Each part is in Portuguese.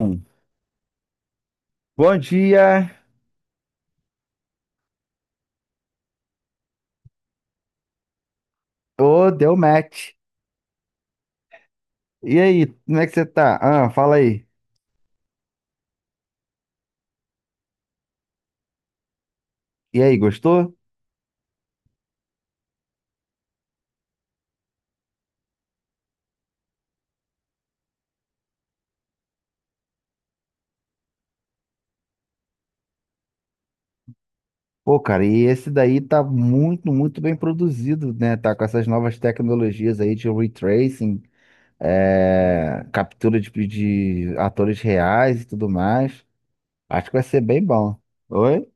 Um. Bom dia! Ô, deu match. E aí, como é que você tá? Ah, fala aí. E aí, gostou? Pô, cara, e esse daí tá muito, muito bem produzido, né? Tá com essas novas tecnologias aí de retracing, é, captura de atores reais e tudo mais. Acho que vai ser bem bom. Oi?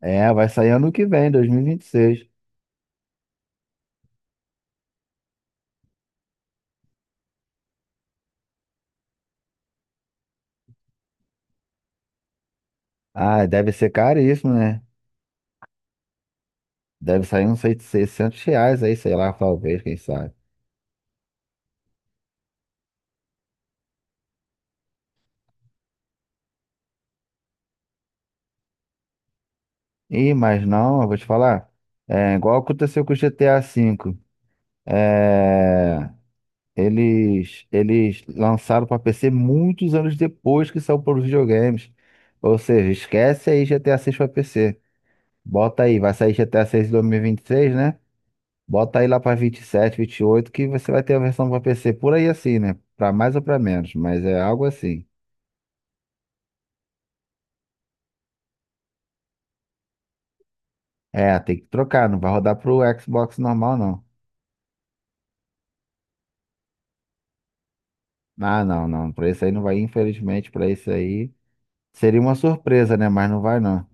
É, vai sair ano que vem, 2026. Ah, deve ser caríssimo, né? Deve sair uns R$ 600 aí, sei lá, talvez, quem sabe. Ih, mas não, eu vou te falar. É igual aconteceu com o GTA V. É, eles lançaram para PC muitos anos depois que saiu para os videogames. Ou seja, esquece aí GTA VI para PC. Bota aí, vai sair GTA VI em dois mil e vinte e seis, né? Bota aí lá para vinte e sete, vinte e oito, que você vai ter a versão para PC por aí assim, né? Para mais ou para menos, mas é algo assim. É, tem que trocar, não vai rodar pro Xbox normal, não. Ah, não, não. Para isso aí não vai, infelizmente, para isso aí. Seria uma surpresa, né? Mas não vai, não.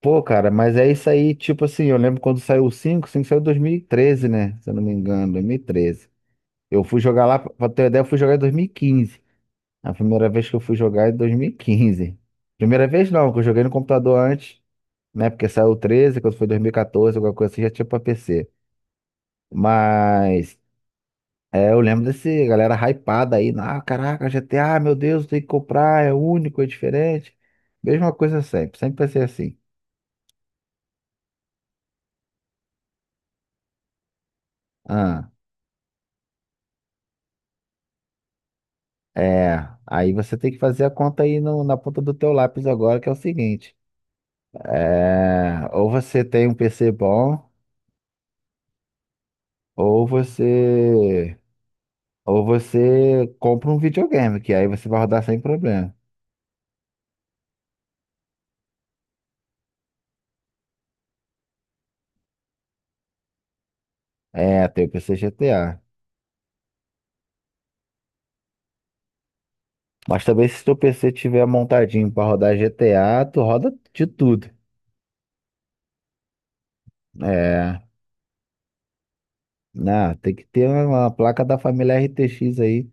Pô, cara, mas é isso aí, tipo assim, eu lembro quando saiu o cinco, o 5 saiu em 2013, né? Se eu não me engano, 2013. Eu fui jogar lá, pra ter uma ideia, eu fui jogar em 2015. A primeira vez que eu fui jogar é em 2015. Primeira vez não, que eu joguei no computador antes, né? Porque saiu o 13 quando foi 2014, alguma coisa assim, já tinha pra PC. Mas, é, eu lembro desse galera hypada aí, ah, caraca, GTA, meu Deus, tem que comprar, é único, é diferente. Mesma coisa sempre, sempre vai ser assim. Ah, é. Aí você tem que fazer a conta aí na ponta do teu lápis agora, que é o seguinte. É, ou você tem um PC bom, ou você ou você compra um videogame, que aí você vai rodar sem problema. É, tem o PC GTA. Mas também se teu PC tiver montadinho pra rodar GTA, tu roda de tudo. É, né? Tem que ter uma placa da família RTX aí.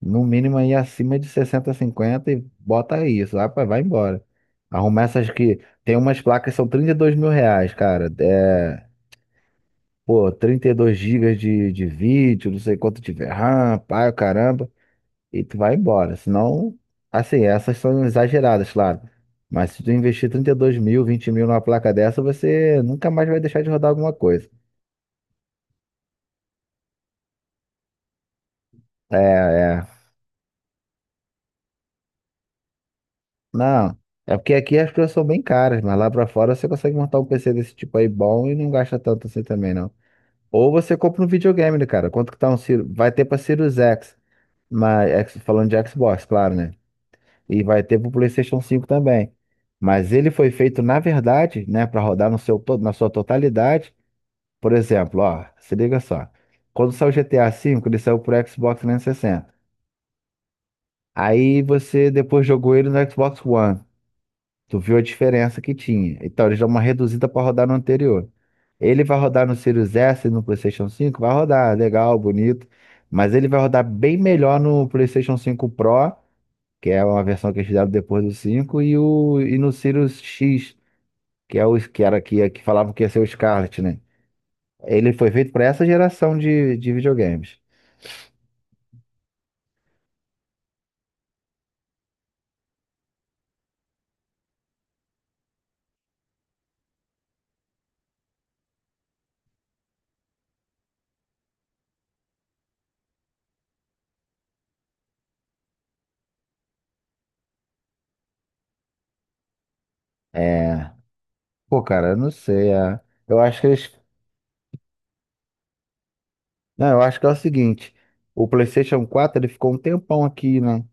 No mínimo aí acima de 60, 50 e bota isso. Ah, pá, vai embora. Arrumar essas que. Tem umas placas que são R$ 32.000, cara. É, pô, 32 gigas de vídeo, não sei quanto tiver RAM, pai, o caramba. E tu vai embora. Senão, assim, essas são exageradas, claro. Mas se tu investir 32 mil, 20 mil numa placa dessa, você nunca mais vai deixar de rodar alguma coisa. É, é. Não, é porque aqui as coisas são bem caras, mas lá pra fora você consegue montar um PC desse tipo aí bom e não gasta tanto assim também, não. Ou você compra um videogame, né, cara? Quanto que tá um Sirius? Vai ter pra Sirius X, mas falando de Xbox, claro, né? E vai ter pro PlayStation cinco também. Mas ele foi feito, na verdade, né, pra rodar no seu, na sua totalidade. Por exemplo, ó, se liga só. Quando saiu o GTA V, ele saiu pro Xbox 360. Aí você depois jogou ele no Xbox One. Tu viu a diferença que tinha. Então, eles dão uma reduzida para rodar no anterior. Ele vai rodar no Series S e no PlayStation 5? Vai rodar, legal, bonito. Mas ele vai rodar bem melhor no PlayStation 5 Pro, que é uma versão que eles fizeram depois do cinco e no Sirius X, que é o que era que falavam que ia ser o Scarlett, né? Ele foi feito para essa geração de videogames. É. Pô, cara, eu não sei. É. Eu acho que eles. Não, eu acho que é o seguinte, o PlayStation 4 ele ficou um tempão aqui, né?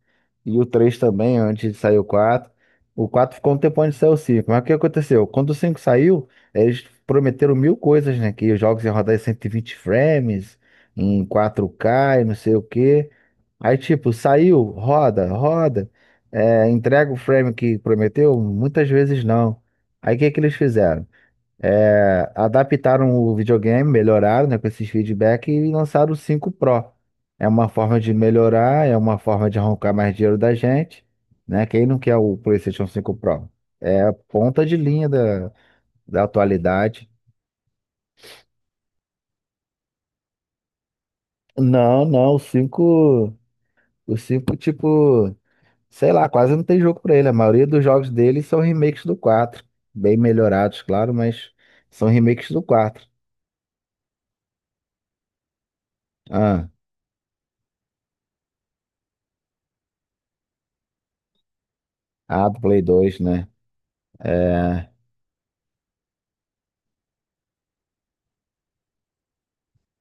E o 3 também, antes de sair o 4. O 4 ficou um tempão antes de sair o cinco. Mas o que aconteceu? Quando o cinco saiu, eles prometeram mil coisas, né? Que os jogos iam rodar em 120 frames, em 4K e não sei o quê. Aí, tipo, saiu, roda, roda, é, entrega o frame que prometeu? Muitas vezes não. Aí, o que é que eles fizeram? É, adaptaram o videogame, melhoraram, né, com esses feedbacks e lançaram o cinco Pro. É uma forma de melhorar, é uma forma de arrancar mais dinheiro da gente, né? Quem não quer o PlayStation cinco Pro? É a ponta de linha da atualidade. Não, não, o cinco tipo, sei lá, quase não tem jogo pra ele. A maioria dos jogos dele são remakes do 4, bem melhorados, claro, mas são remakes do 4. Ah, ah, do Play 2, né? É.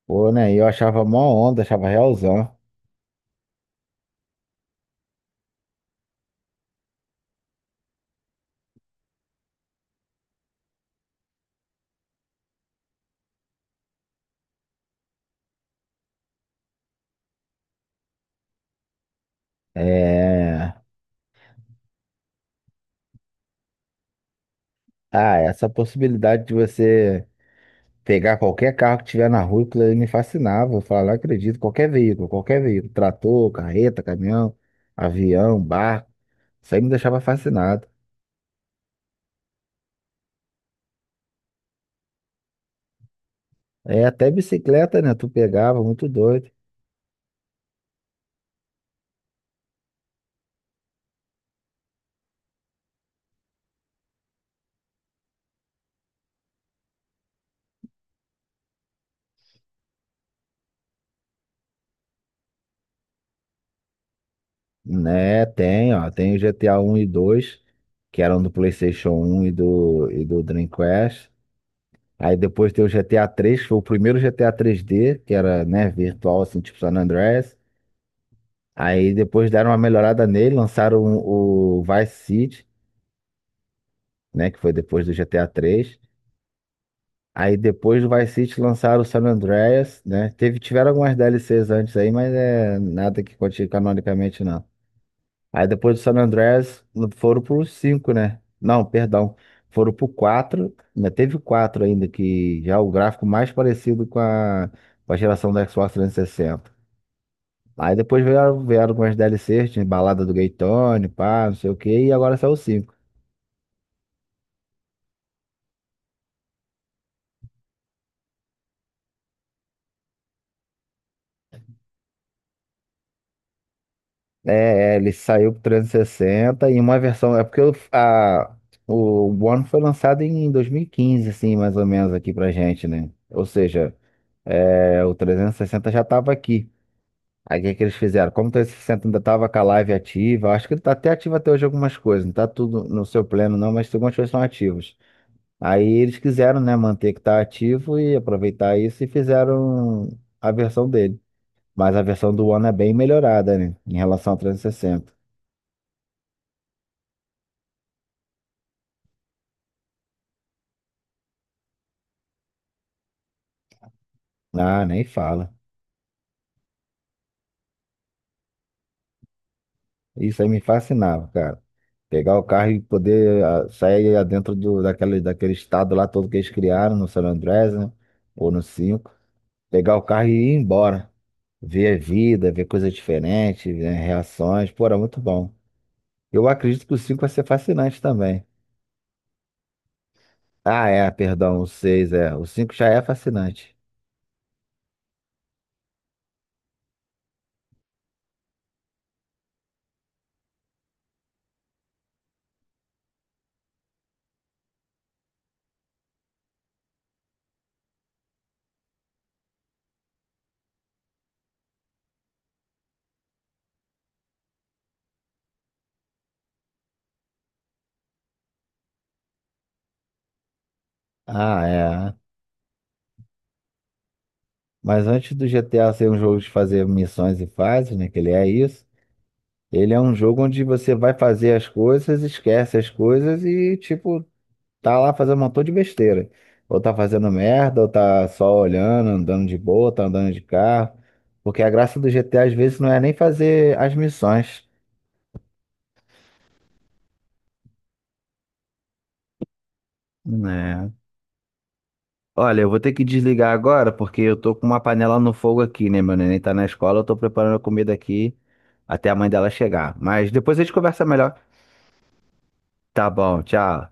Pô, né? E eu achava mó onda, achava realzão. É... Ah, essa possibilidade de você pegar qualquer carro que tiver na rua, aquilo ali me fascinava. Eu falava, não acredito, qualquer veículo, trator, carreta, caminhão, avião, barco, isso aí me deixava fascinado. É, até bicicleta, né? Tu pegava, muito doido. Né, tem, ó, tem o GTA um e 2 que eram do PlayStation um e do Dreamcast. Aí depois tem o GTA 3, que foi o primeiro GTA 3D, que era, né, virtual, assim, tipo San Andreas. Aí depois deram uma melhorada nele, lançaram o Vice City, né, que foi depois do GTA 3. Aí depois do Vice City lançaram o San Andreas, né? Teve, tiveram algumas DLCs antes aí, mas é nada que conte canonicamente, não. Aí depois do San Andreas foram pro cinco, né? Não, perdão. Foram pro 4. Ainda teve o 4 ainda, que já é o gráfico mais parecido com a geração do Xbox 360. Aí depois vieram com as DLCs, tinha balada do Gaytone, pá, não sei o quê, e agora saiu o cinco. É, é, ele saiu pro 360 e sessenta e uma versão. É porque o One foi lançado em 2015, assim, mais ou menos, aqui pra gente, né? Ou seja, é, o 360 já tava aqui. Aí o que é que eles fizeram? Como o 360 ainda estava com a live ativa, acho que ele está até ativo até hoje algumas coisas, não está tudo no seu pleno não, mas algumas coisas são ativas. Aí eles quiseram, né, manter que está ativo e aproveitar isso e fizeram a versão dele. Mas a versão do One é bem melhorada, né, em relação ao 360. Ah, nem fala. Isso aí me fascinava, cara. Pegar o carro e poder sair dentro daquele estado lá todo que eles criaram no San Andreas, né, ou no cinco. Pegar o carro e ir embora. Ver a vida, ver coisas diferentes, ver reações. Pô, era muito bom. Eu acredito que o cinco vai ser fascinante também. Ah, é, perdão, o 6, é. O cinco já é fascinante. Ah, é. Mas antes do GTA ser um jogo de fazer missões e fases, né? Que ele é isso. Ele é um jogo onde você vai fazer as coisas, esquece as coisas e, tipo, tá lá fazendo um montão de besteira. Ou tá fazendo merda, ou tá só olhando, andando de boa, tá andando de carro. Porque a graça do GTA às vezes não é nem fazer as missões, né? Olha, eu vou ter que desligar agora porque eu tô com uma panela no fogo aqui, né? Meu neném tá na escola, eu tô preparando a comida aqui até a mãe dela chegar. Mas depois a gente conversa melhor. Tá bom, tchau.